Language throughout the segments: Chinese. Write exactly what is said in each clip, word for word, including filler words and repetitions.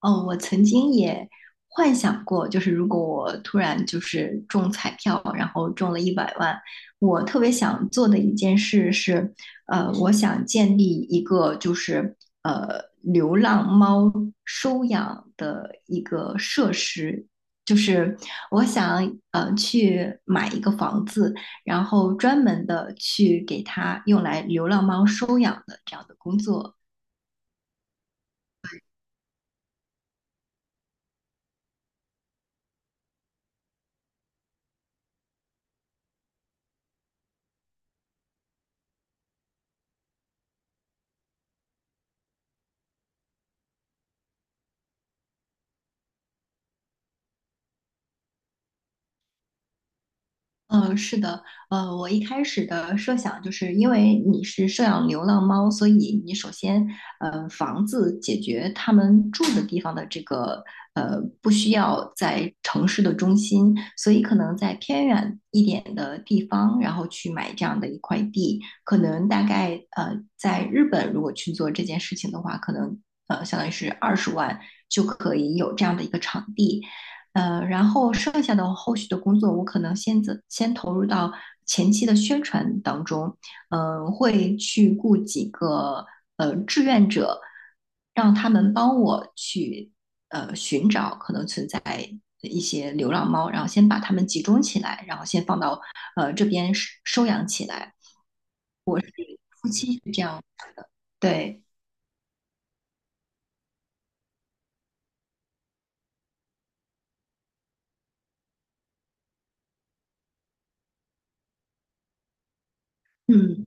哦，我曾经也幻想过，就是如果我突然就是中彩票，然后中了一百万。我特别想做的一件事是，呃，我想建立一个就是呃流浪猫收养的一个设施，就是我想呃去买一个房子，然后专门的去给它用来流浪猫收养的这样的工作。嗯，是的，呃，我一开始的设想就是因为你是收养流浪猫，所以你首先，呃，房子解决他们住的地方的这个，呃，不需要在城市的中心，所以可能在偏远一点的地方，然后去买这样的一块地，可能大概，呃，在日本如果去做这件事情的话，可能，呃，相当于是二十万就可以有这样的一个场地。呃，然后剩下的后续的工作，我可能先走，先投入到前期的宣传当中，嗯、呃会去雇几个呃志愿者，让他们帮我去呃寻找可能存在一些流浪猫，然后先把它们集中起来，然后先放到呃这边收收养起来。我是夫妻是这样，对，嗯。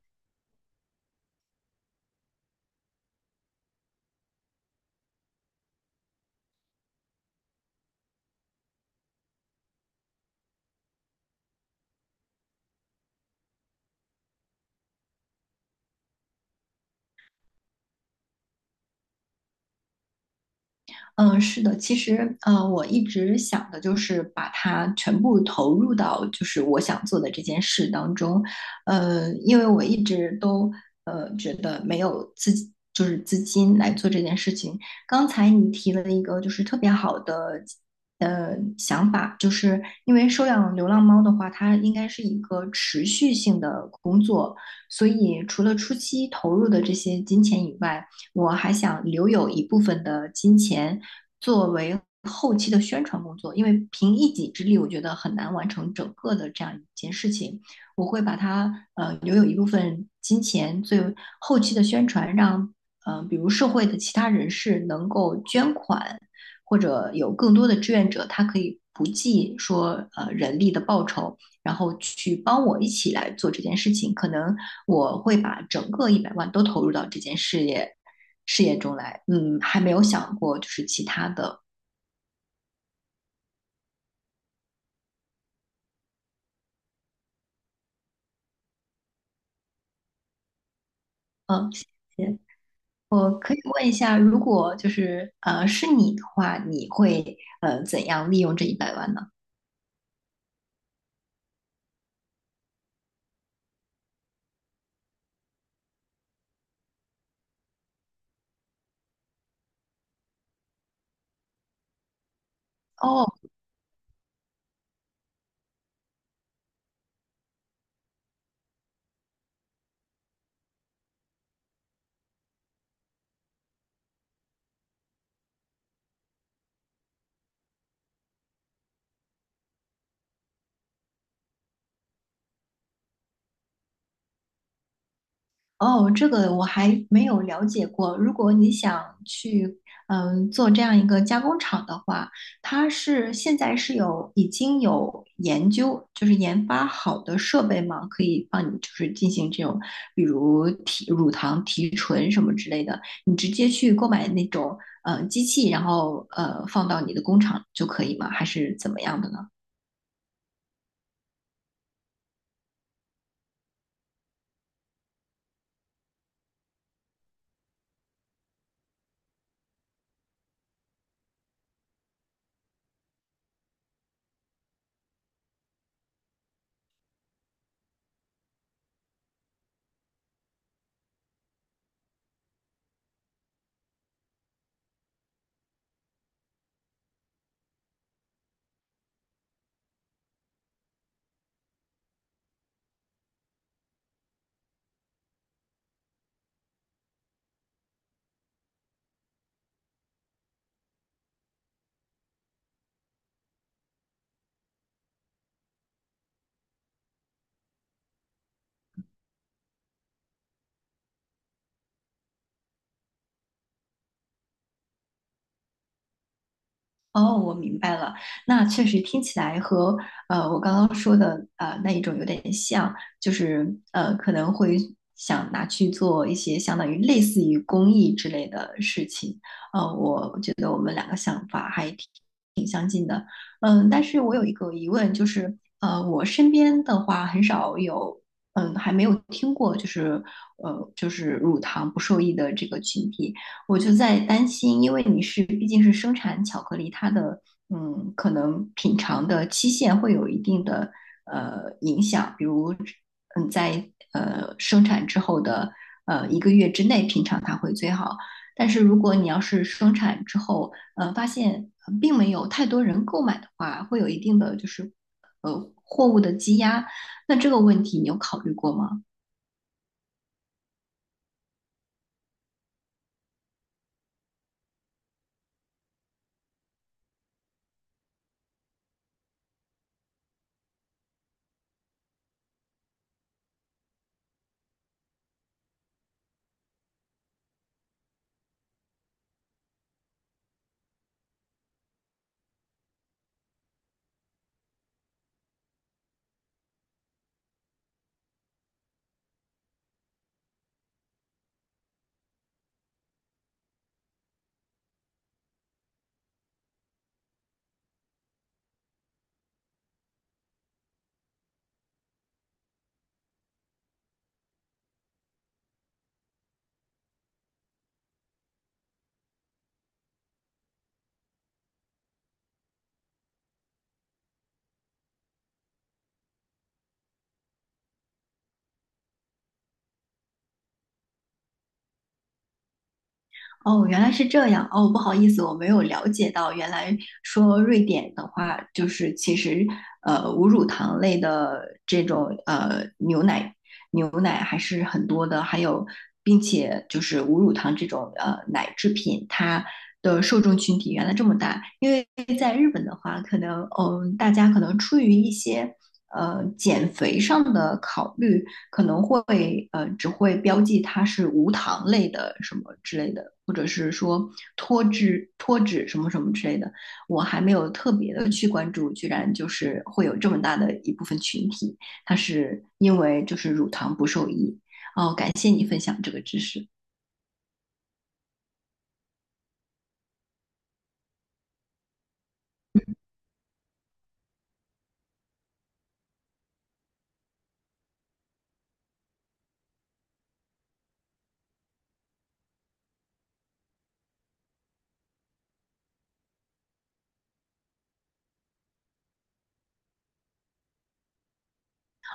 嗯，是的，其实呃，我一直想的就是把它全部投入到就是我想做的这件事当中，呃，因为我一直都呃觉得没有自己就是资金来做这件事情。刚才你提了一个就是特别好的呃想法，就是因为收养流浪猫的话，它应该是一个持续性的工作，所以除了初期投入的这些金钱以外，我还想留有一部分的金钱。作为后期的宣传工作，因为凭一己之力，我觉得很难完成整个的这样一件事情。我会把它呃留有一部分金钱作为后期的宣传，让呃比如社会的其他人士能够捐款，或者有更多的志愿者，他可以不计说呃人力的报酬，然后去帮我一起来做这件事情。可能我会把整个一百万都投入到这件事业事业中来。嗯，还没有想过就是其他的。嗯，谢谢。我可以问一下，如果就是呃是你的话，你会呃怎样利用这一百万呢？哦。哦，这个我还没有了解过。如果你想去，嗯，做这样一个加工厂的话，它是现在是有已经有研究，就是研发好的设备嘛，可以帮你就是进行这种，比如提乳糖提纯什么之类的，你直接去购买那种呃机器，然后呃放到你的工厂就可以吗？还是怎么样的呢？哦，我明白了。那确实听起来和呃我刚刚说的呃那一种有点像，就是呃可能会想拿去做一些相当于类似于公益之类的事情。呃，我觉得我们两个想法还挺嗯，但是我有一个疑问，就是呃，我身边的话很少有，嗯，还没有听过，就是呃，就是乳糖不受益的这个群体，我就在担心，因为你是毕竟是生产巧克力，它的嗯，可能品尝的期限会有一定的呃影响，比如嗯，在呃生产之后的呃一个月之内品尝它会最好，但是如果你要是生产之后，呃，发现呃并没有太多人购买的话，会有一定的就是呃货物的积压。那这个问题你有考虑过吗？哦，原来是这样。哦，不好意思，我没有了解到，原来说瑞典的话，就是其实呃无乳糖类的这种呃牛奶，牛奶，还是很多的，还有并且就是无乳糖这种呃奶制品，它的受众群体原来这么大。因为在日本的话，可能嗯、大家可能出于一些呃减肥上的考虑，可能会呃只会标记它是无糖类的什么之类的，或者是说脱脂脱脂什么什么之类的。我还没有特别的去关注，居然就是会有这么大的一部分群体，它是因为就是乳糖不受益。哦，感谢你分享这个知识。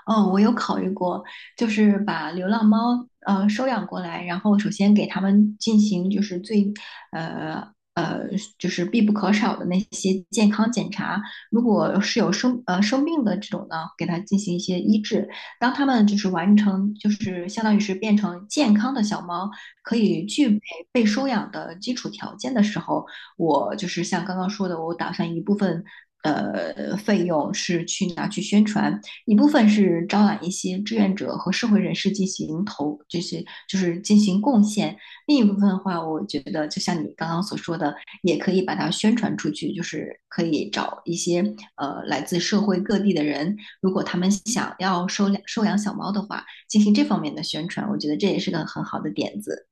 哦，我有考虑过，就是把流浪猫呃收养过来，然后首先给它们进行就是最呃呃就是必不可少的那些健康检查，如果是有生呃生病的这种呢，给它进行一些医治。当它们就是完成就是相当于是变成健康的小猫，可以具备被收养的基础条件的时候，我就是像刚刚说的，我打算一部分。呃，费用是去拿去宣传，一部分是招揽一些志愿者和社会人士进行投，就是就是进行贡献；另一部分的话，我觉得就像你刚刚所说的，也可以把它宣传出去，就是可以找一些呃来自社会各地的人，如果他们想要收养收养小猫的话，进行这方面的宣传，我觉得这也是个很好的点子。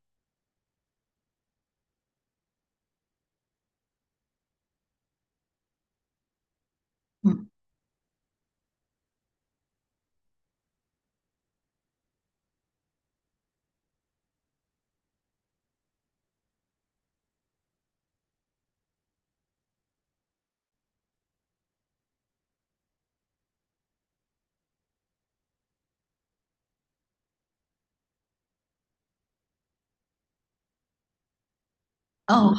嗯，哦，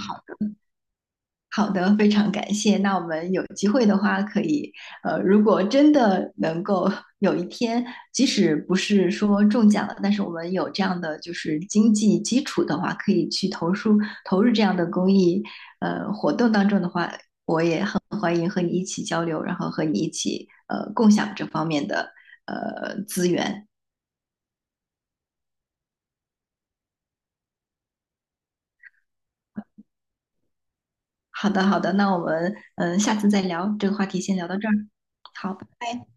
好的，非常感谢。那我们有机会的话，可以，呃，如果真的能够有一天，即使不是说中奖了，但是我们有这样的就是经济基础的话，可以去投入投入这样的公益呃活动当中的话，欢迎和你一起交流，然后和你一起呃共享这方面的呃资源。好的，好的，那我们嗯、呃下次再聊这个话题，先聊到这儿。好，拜拜。